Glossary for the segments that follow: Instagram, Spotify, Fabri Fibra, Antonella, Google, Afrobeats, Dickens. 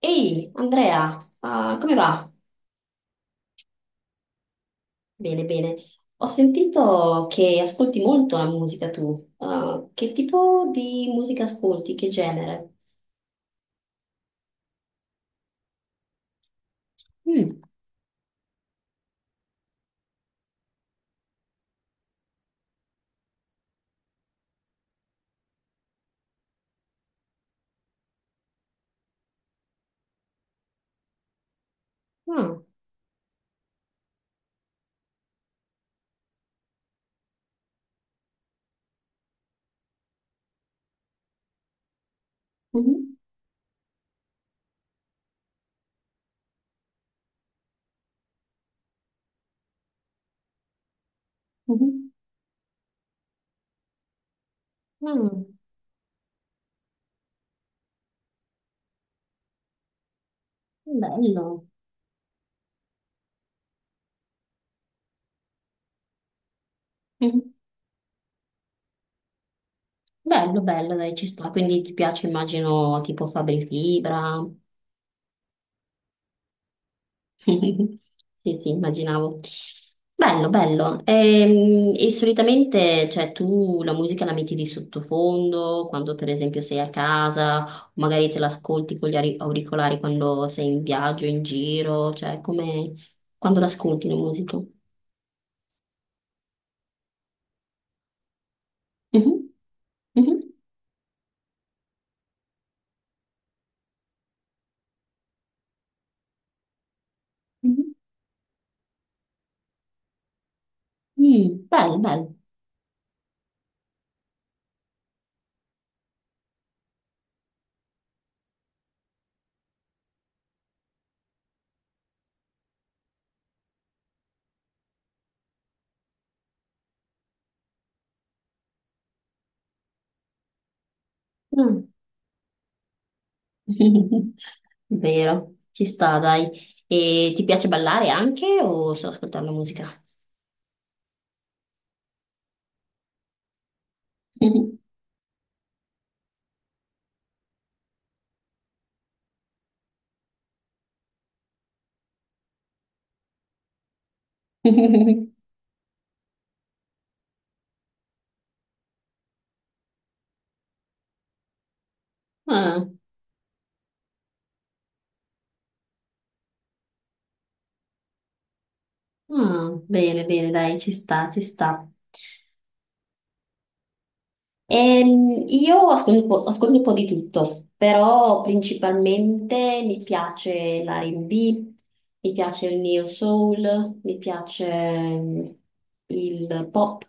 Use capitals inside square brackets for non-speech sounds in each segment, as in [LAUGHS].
Ehi, Andrea, come va? Bene, bene. Ho sentito che ascolti molto la musica tu. Ah, che tipo di musica ascolti? Che genere? Mm. Ah, mhm, mhm. Ah, bello. Mhm. Bello, bello, dai, ci sta. Quindi ti piace, immagino, tipo Fabri Fibra. Sì, sì, immaginavo. Bello, bello. E solitamente, cioè, tu la musica la metti di sottofondo quando, per esempio, sei a casa, o magari te l'ascolti con gli auricolari quando sei in viaggio, in giro, cioè, come quando l'ascolti la musica. Mhm, mhm, mhm. Mm, bello, bello. Mm. [LAUGHS] Vero, ci sta, dai. E ti piace ballare anche o solo ascoltare la musica? [LAUGHS] Ah. Mm, bene, bene, dai, ci sta, ci sta. Io ascolto un po' di tutto, però principalmente mi piace l'R&B, mi piace il neo soul, mi piace il pop,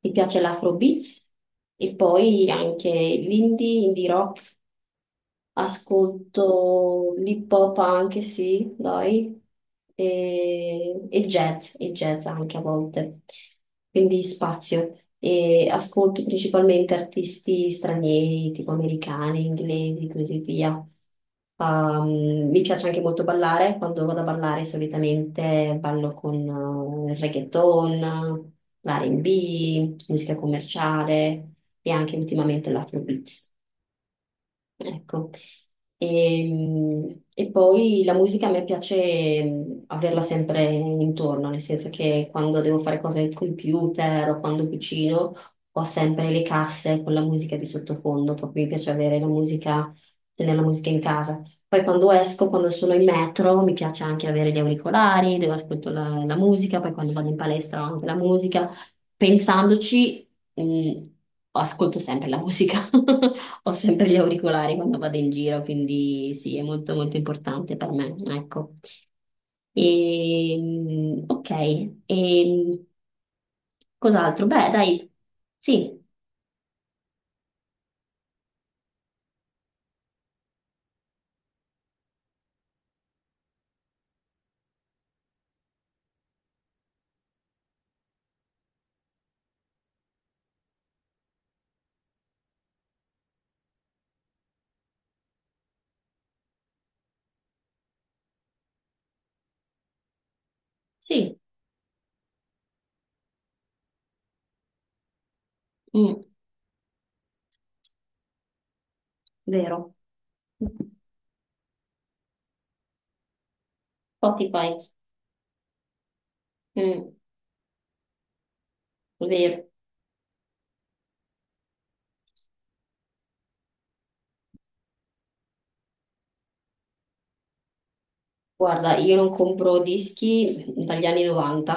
mi piace l'afrobeats e poi anche l'indie. Indie Ascolto l'hip hop anche, sì, dai, e jazz anche a volte, quindi spazio. E ascolto principalmente artisti stranieri, tipo americani, inglesi, così via. Mi piace anche molto ballare, quando vado a ballare solitamente ballo con il reggaeton, l'R&B, musica commerciale e anche ultimamente l'afrobeats. Ecco, e poi la musica a me piace averla sempre intorno, nel senso che quando devo fare cose al computer o quando cucino ho sempre le casse con la musica di sottofondo, proprio mi piace avere la musica, tenere la musica in casa. Poi quando esco, quando sono in metro, mi piace anche avere gli auricolari, devo ascoltare la, la musica, poi quando vado in palestra ho anche la musica. Pensandoci, mh, ascolto sempre la musica. [LAUGHS] Ho sempre gli auricolari quando vado in giro, quindi sì, è molto molto importante per me, ecco. E, ok, e cos'altro? Beh, dai, sì, sì, mm, vero. Spotify, mm, vero. Guarda, io non compro dischi dagli anni 90,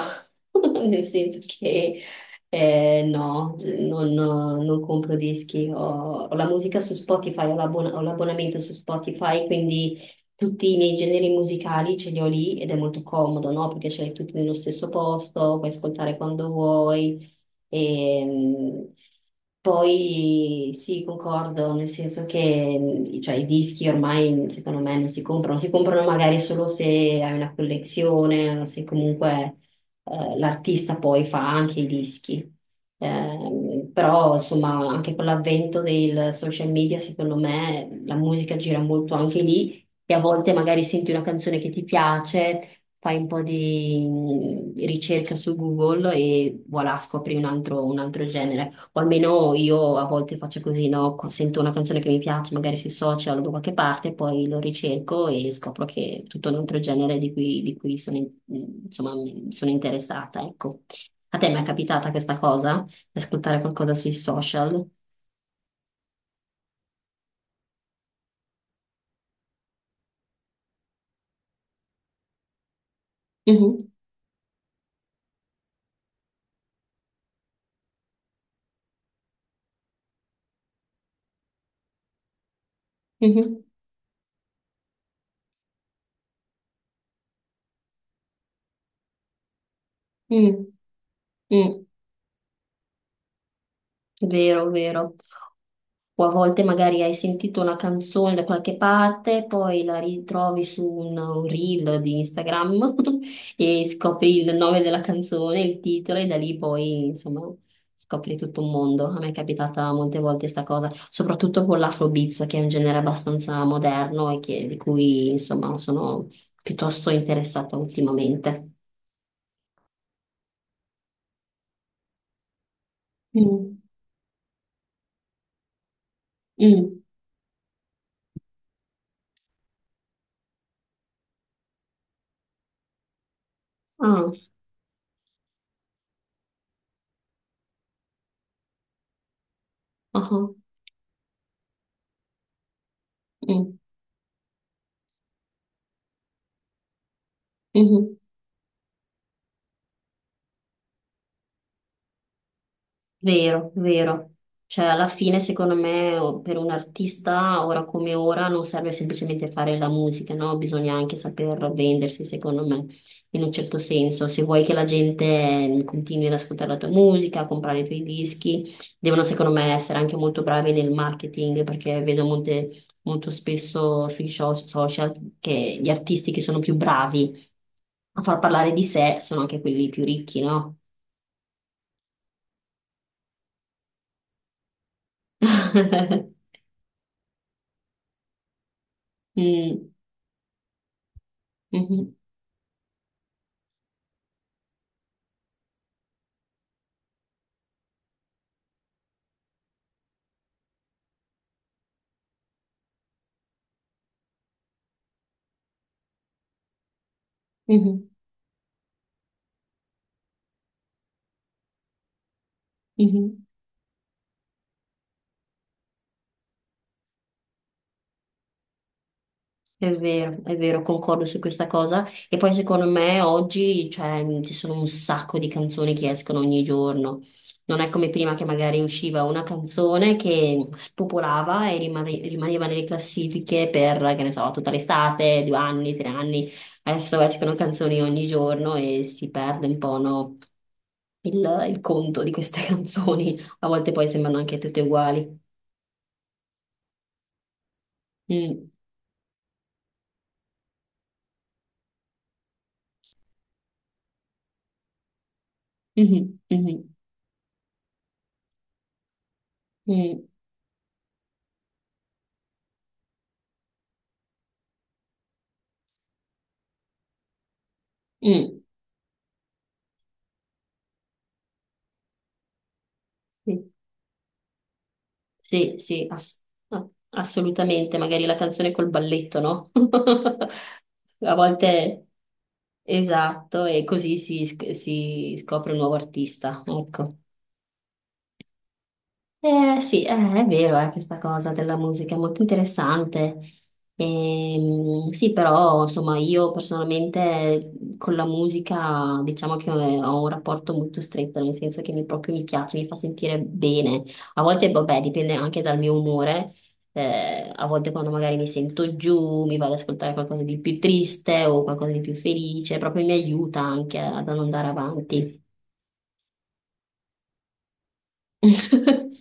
[LAUGHS] nel senso che no, non compro dischi, ho la musica su Spotify, ho l'abbonamento su Spotify, quindi tutti i miei generi musicali ce li ho lì ed è molto comodo, no? Perché ce li hai tutti nello stesso posto, puoi ascoltare quando vuoi. E, poi sì, concordo, nel senso che cioè, i dischi ormai secondo me non si comprano, si comprano magari solo se hai una collezione o se comunque l'artista poi fa anche i dischi. Però insomma anche con l'avvento del social media secondo me la musica gira molto anche lì e a volte magari senti una canzone che ti piace, fai un po' di ricerca su Google e voilà, scopri un altro genere. O almeno io a volte faccio così, no? Sento una canzone che mi piace, magari sui social o da qualche parte, poi lo ricerco e scopro che è tutto un altro genere di cui sono, insomma, sono interessata, ecco. A te mi è capitata questa cosa? Di ascoltare qualcosa sui social? Mhm, mhm, mm, mm. Vero, vero. O a volte magari hai sentito una canzone da qualche parte, poi la ritrovi su un reel di Instagram [LAUGHS] e scopri il nome della canzone, il titolo, e da lì poi, insomma, scopri tutto un mondo. A me è capitata molte volte sta cosa, soprattutto con l'Afrobeats, che è un genere abbastanza moderno e di cui, insomma, sono piuttosto interessata ultimamente. Mm. Mm. Ah, ah, ah. Mm, mhm. Vero, vero. Cioè, alla fine, secondo me, per un artista, ora come ora, non serve semplicemente fare la musica, no? Bisogna anche saper vendersi, secondo me, in un certo senso. Se vuoi che la gente continui ad ascoltare la tua musica, a comprare i tuoi dischi, devono, secondo me, essere anche molto bravi nel marketing, perché vedo molto spesso sui social che gli artisti che sono più bravi a far parlare di sé sono anche quelli più ricchi, no? [LAUGHS] Mm. Mhm, mhm, mhm. È vero, concordo su questa cosa. E poi secondo me oggi, cioè, ci sono un sacco di canzoni che escono ogni giorno. Non è come prima che magari usciva una canzone che spopolava e rimaneva nelle classifiche per, che ne so, tutta l'estate, 2 anni, 3 anni. Adesso escono canzoni ogni giorno e si perde un po', no, il conto di queste [LAUGHS] canzoni. A volte poi sembrano anche tutte uguali. Mm, mhm, mhm, mm. Mm, mm. Sì, sì, ass- no, assolutamente, magari la canzone col balletto, no? [LAUGHS] A volte, esatto, e così si scopre un nuovo artista, ecco. Sì, è vero, questa cosa della musica è molto interessante. Sì, però insomma io personalmente con la musica diciamo che ho un rapporto molto stretto, nel senso che mi, proprio mi piace, mi fa sentire bene. A volte, vabbè, dipende anche dal mio umore. A volte quando magari mi sento giù, mi vado ad ascoltare qualcosa di più triste o qualcosa di più felice, proprio mi aiuta anche ad andare avanti. [LAUGHS]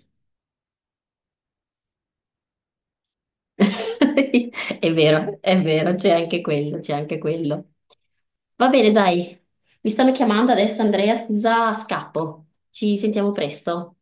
[LAUGHS] È vero, c'è anche quello, c'è anche quello. Va bene, dai. Mi stanno chiamando adesso, Andrea, scusa, scappo. Ci sentiamo presto.